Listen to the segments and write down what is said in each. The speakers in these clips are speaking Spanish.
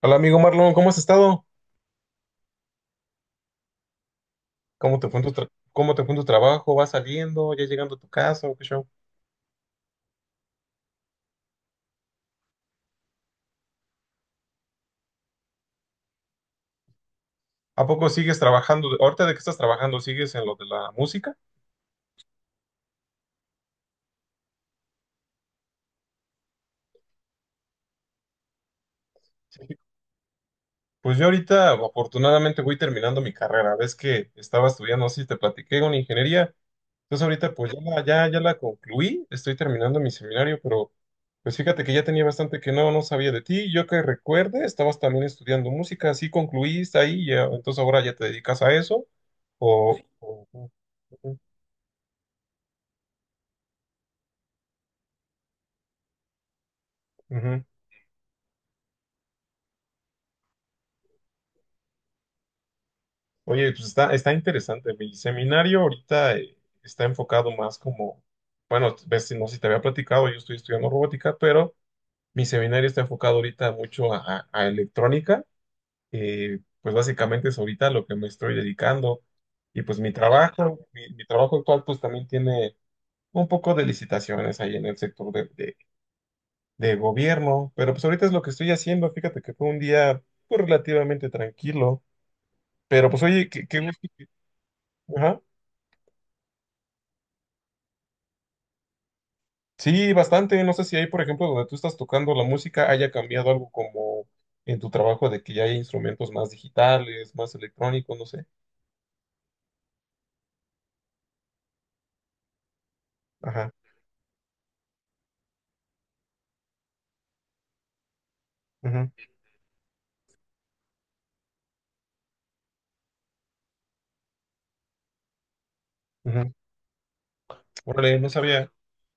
Hola amigo Marlon, ¿cómo has estado? ¿Cómo te fue en tu trabajo? ¿Vas saliendo? ¿Ya llegando a tu casa? ¿O qué show? ¿A poco sigues trabajando? ¿Ahorita de qué estás trabajando? ¿Sigues en lo de la música? Sí. Pues yo ahorita afortunadamente voy terminando mi carrera. Ves que estaba estudiando, no sé si te platiqué, una ingeniería. Entonces ahorita pues ya, la concluí, estoy terminando mi seminario, pero pues fíjate que ya tenía bastante que no sabía de ti. Yo que recuerde, estabas también estudiando música, así concluiste ahí, ya, entonces ahora ya te dedicas a eso. O, o- o- ujú. Oye, pues está, interesante. Mi seminario ahorita está enfocado más como, bueno, ves, no sé si te había platicado, yo estoy estudiando robótica, pero mi seminario está enfocado ahorita mucho a electrónica. Pues básicamente es ahorita lo que me estoy dedicando. Y pues mi trabajo actual pues también tiene un poco de licitaciones ahí en el sector de gobierno, pero pues ahorita es lo que estoy haciendo. Fíjate que fue un día pues, relativamente tranquilo, pero pues oye, qué gusto. Ajá. Sí, bastante. No sé si ahí, por ejemplo, donde tú estás tocando la música, haya cambiado algo como en tu trabajo de que ya hay instrumentos más digitales, más electrónicos, no sé. Ajá. Ujú, ujú. Órale, no sabía,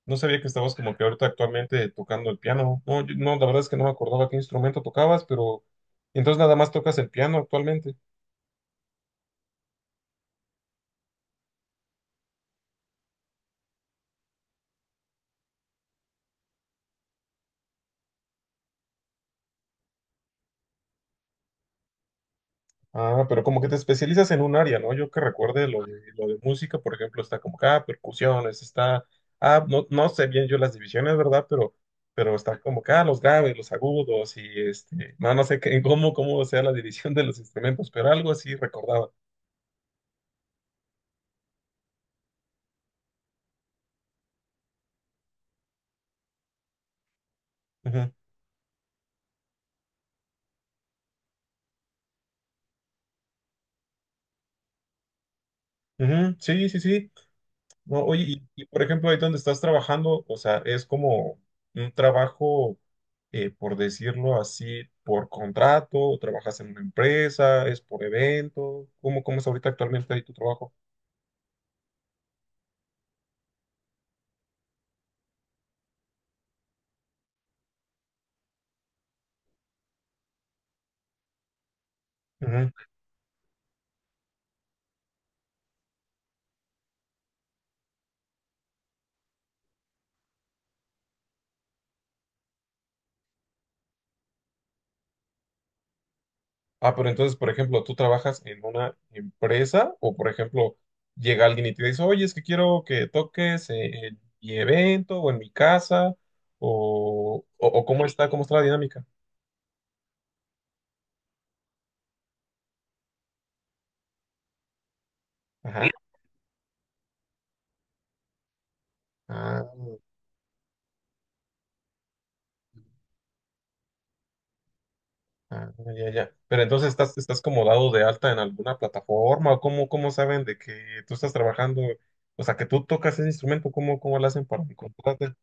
no sabía que estabas como que ahorita actualmente tocando el piano. No, no, la verdad es que no me acordaba qué instrumento tocabas, pero entonces nada más tocas el piano actualmente. Ah, pero como que te especializas en un área, ¿no? Yo que recuerde lo de música, por ejemplo, está como que, ah, percusiones, está, ah, no sé bien yo las divisiones, ¿verdad? Pero está como que, ah, los graves, los agudos y este, no sé qué, cómo sea la división de los instrumentos, pero algo así recordaba. Ujú, ujú, sí, sí, sí. No, oye, y, por ejemplo, ahí donde estás trabajando, o sea, es como un trabajo, por decirlo así, por contrato, o trabajas en una empresa, es por evento, ¿cómo es ahorita actualmente ahí tu trabajo? Ujú. Ah, pero entonces, por ejemplo, tú trabajas en una empresa o, por ejemplo, llega alguien y te dice, oye, es que quiero que toques en mi evento o en mi casa o cómo está la dinámica. Ajá. Ah, Ah, ya, ya. Pero entonces estás como dado de alta en alguna plataforma o cómo saben de que tú estás trabajando, o sea, que tú tocas ese instrumento, ¿cómo lo hacen para encontrarte?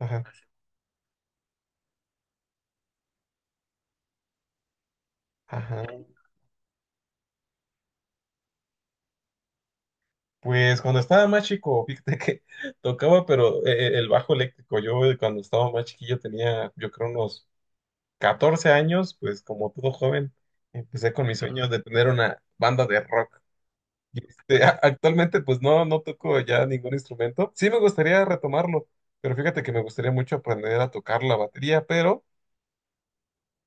Ajá, ajá. Pues cuando estaba más chico, fíjate que tocaba, pero el bajo eléctrico, yo cuando estaba más chiquillo tenía, yo creo, unos 14 años, pues como todo joven, empecé con mis sueños de tener una banda de rock. Este, actualmente, pues no toco ya ningún instrumento. Sí me gustaría retomarlo, pero fíjate que me gustaría mucho aprender a tocar la batería, pero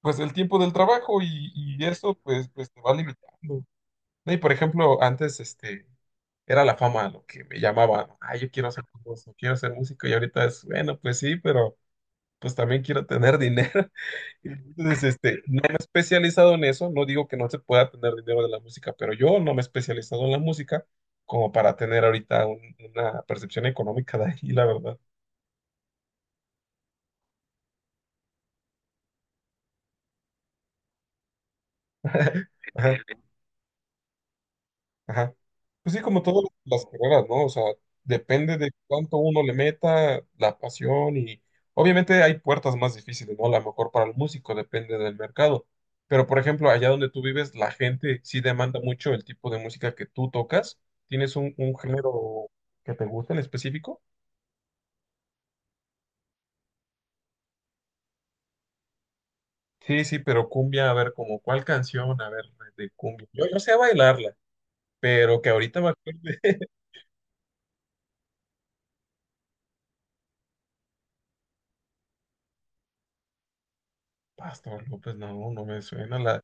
pues el tiempo del trabajo y eso, pues te va limitando. ¿No? Y por ejemplo, antes este, era la fama lo que me llamaba, ah, yo quiero ser famoso, quiero ser músico, y ahorita es, bueno, pues sí, pero pues también quiero tener dinero. Entonces, este, no me he especializado en eso, no digo que no se pueda tener dinero de la música, pero yo no me he especializado en la música como para tener ahorita una percepción económica de ahí, la verdad. Ajá. Pues sí, como todas las carreras, ¿no? O sea, depende de cuánto uno le meta, la pasión y obviamente hay puertas más difíciles, ¿no? A lo mejor para el músico depende del mercado. Pero por ejemplo, allá donde tú vives, la gente sí demanda mucho el tipo de música que tú tocas. ¿Tienes un género que te gusta en específico? Sí, sí, pero cumbia, a ver, como cuál canción, a ver, de cumbia. Yo sé bailarla, pero que ahorita me acuerde. Pastor López, no, no me suena la...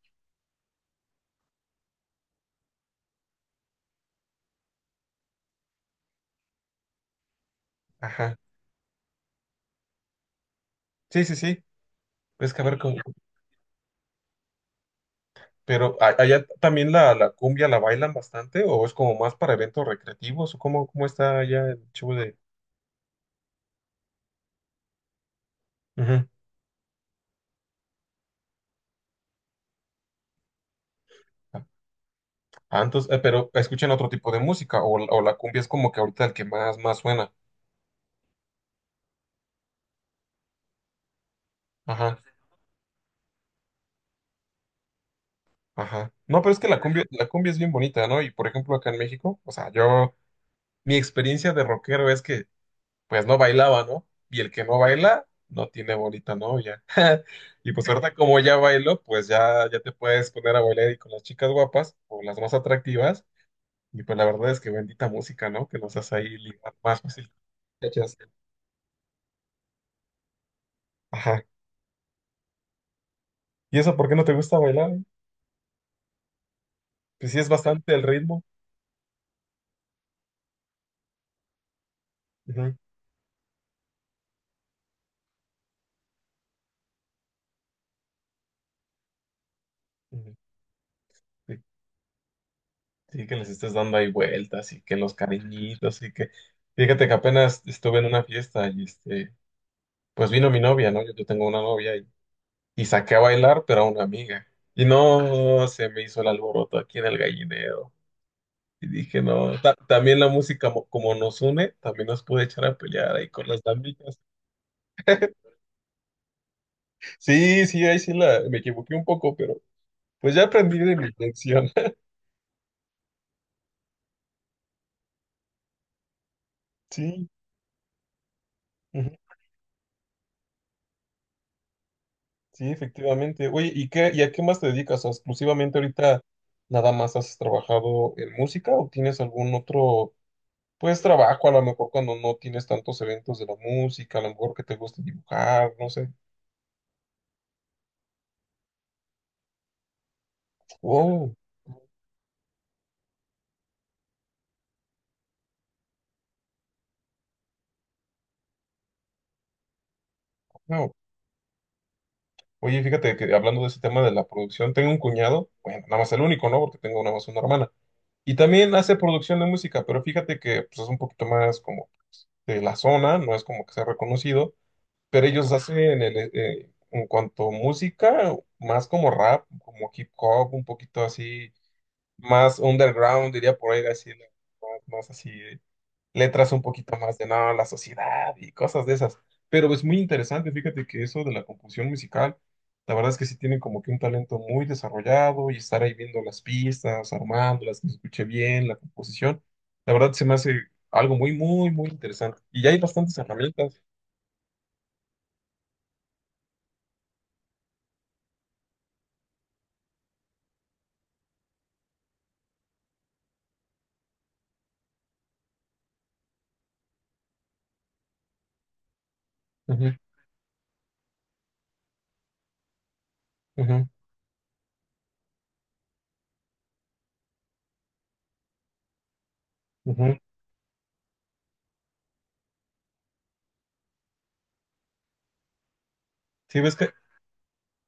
Ajá. Sí, sí, sí. Es que a ver, pero allá también la cumbia la bailan bastante o es como más para eventos recreativos o cómo está allá el show de... Ujú. Ah, entonces, pero escuchan otro tipo de música o la cumbia es como que ahorita el que más suena. Ajá, ajá. No, pero es que la cumbia es bien bonita, ¿no? Y por ejemplo acá en México, o sea, mi experiencia de rockero es que pues no bailaba, ¿no? Y el que no baila, no tiene bonita novia. Y pues ahorita como ya bailo, pues ya, ya te puedes poner a bailar y con las chicas guapas o las más atractivas. Y pues la verdad es que bendita música, ¿no? Que nos hace ahí ligar más fácil. Con las muchachas. Ajá. ¿Y eso por qué no te gusta bailar? ¿Eh? Pues sí es bastante el ritmo. Ujú, ujú. Sí, sí, que les estés dando ahí vueltas y que los cariñitos y que... Fíjate que apenas estuve en una fiesta y este... Pues vino mi novia, ¿no? Yo tengo una novia. Y saqué a bailar, pero a una amiga. Y no se me hizo el alboroto aquí en el gallinero. Y dije, no, también la música como nos une, también nos puede echar a pelear ahí con las amigas. Sí, sí, ahí sí me equivoqué un poco, pero pues ya aprendí de mi lección. Sí, ujú, sí, efectivamente. Oye, y a qué más te dedicas? O sea, exclusivamente ahorita nada más has trabajado en música o tienes algún otro, pues trabajo a lo mejor cuando no tienes tantos eventos de la música, a lo mejor que te guste dibujar, no sé. Oh, no. Oye, fíjate que hablando de ese tema de la producción, tengo un cuñado, bueno, nada más el único, ¿no? Porque tengo nada más una hermana. Y también hace producción de música, pero fíjate que pues, es un poquito más como pues, de la zona, no es como que sea reconocido, pero ellos hacen en cuanto a música, más como rap, como hip hop, un poquito así, más underground, diría por ahí, así, más así. Letras un poquito más de no, la sociedad y cosas de esas. Pero es muy interesante, fíjate que eso de la composición musical, la verdad es que sí tienen como que un talento muy desarrollado y estar ahí viendo las pistas, armándolas, que se escuche bien la composición, la verdad se me hace algo muy, muy, muy interesante. Y ya hay bastantes herramientas. Ujú, ujú, ujú. Sí, ves que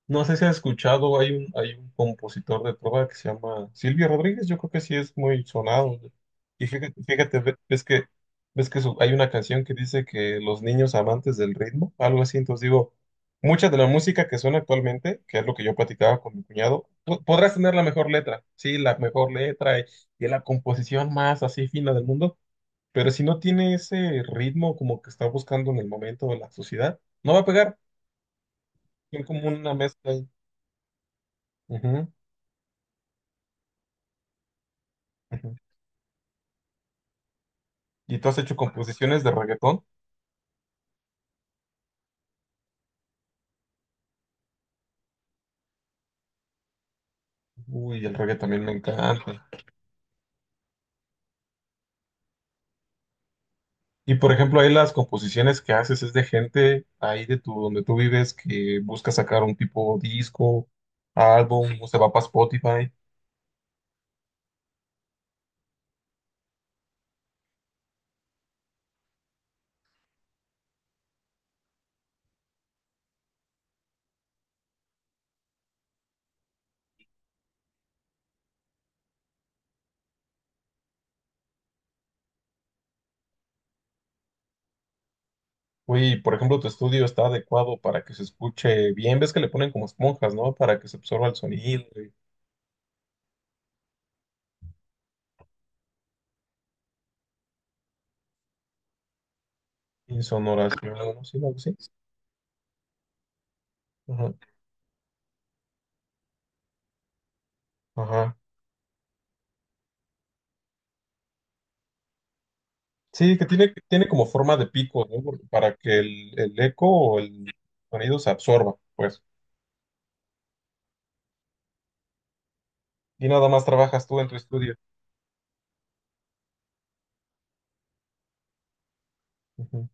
no sé si has escuchado, hay un, compositor de trova que se llama Silvio Rodríguez, yo creo que sí es muy sonado. Y fíjate, ves que hay una canción que dice que los niños amantes del ritmo, algo así, entonces digo, mucha de la música que suena actualmente, que es lo que yo platicaba con mi cuñado, podrás tener la mejor letra, sí, la mejor letra y la composición más así fina del mundo, pero si no tiene ese ritmo como que está buscando en el momento de la sociedad, no va a pegar, es como una mezcla ahí. Ujú. Ujú. ¿Y tú has hecho composiciones de reggaetón? Uy, el reggaetón también me encanta. Y por ejemplo, ahí las composiciones que haces es de gente ahí donde tú vives que busca sacar un tipo disco, álbum, o se va para Spotify. Uy, por ejemplo, tu estudio está adecuado para que se escuche bien. Ves que le ponen como esponjas, ¿no? Para que se absorba el sonido y insonoración, ¿no? Sí, algo así. Ajá, ajá. Sí, que tiene como forma de pico, ¿no? Para que el eco o el sonido se absorba, pues. Y nada más trabajas tú en tu estudio. Ujú.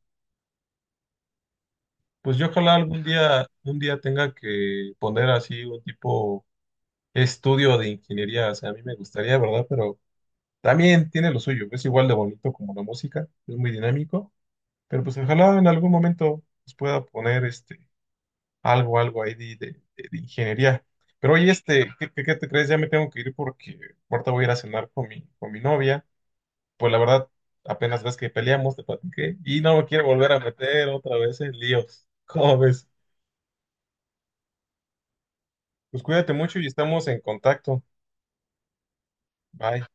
Pues yo ojalá algún día, un día tenga que poner así un tipo estudio de ingeniería. O sea, a mí me gustaría, ¿verdad? Pero también tiene lo suyo. Es igual de bonito como la música, es muy dinámico. Pero pues ojalá en algún momento pues, pueda poner este algo ahí de ingeniería. Pero oye, este, ¿qué te crees? Ya me tengo que ir porque ahorita voy a ir a cenar con mi, novia. Pues la verdad, apenas ves que peleamos, te platiqué, y no me quiero volver a meter otra vez en líos. ¿Cómo ves? Pues cuídate mucho y estamos en contacto. Bye.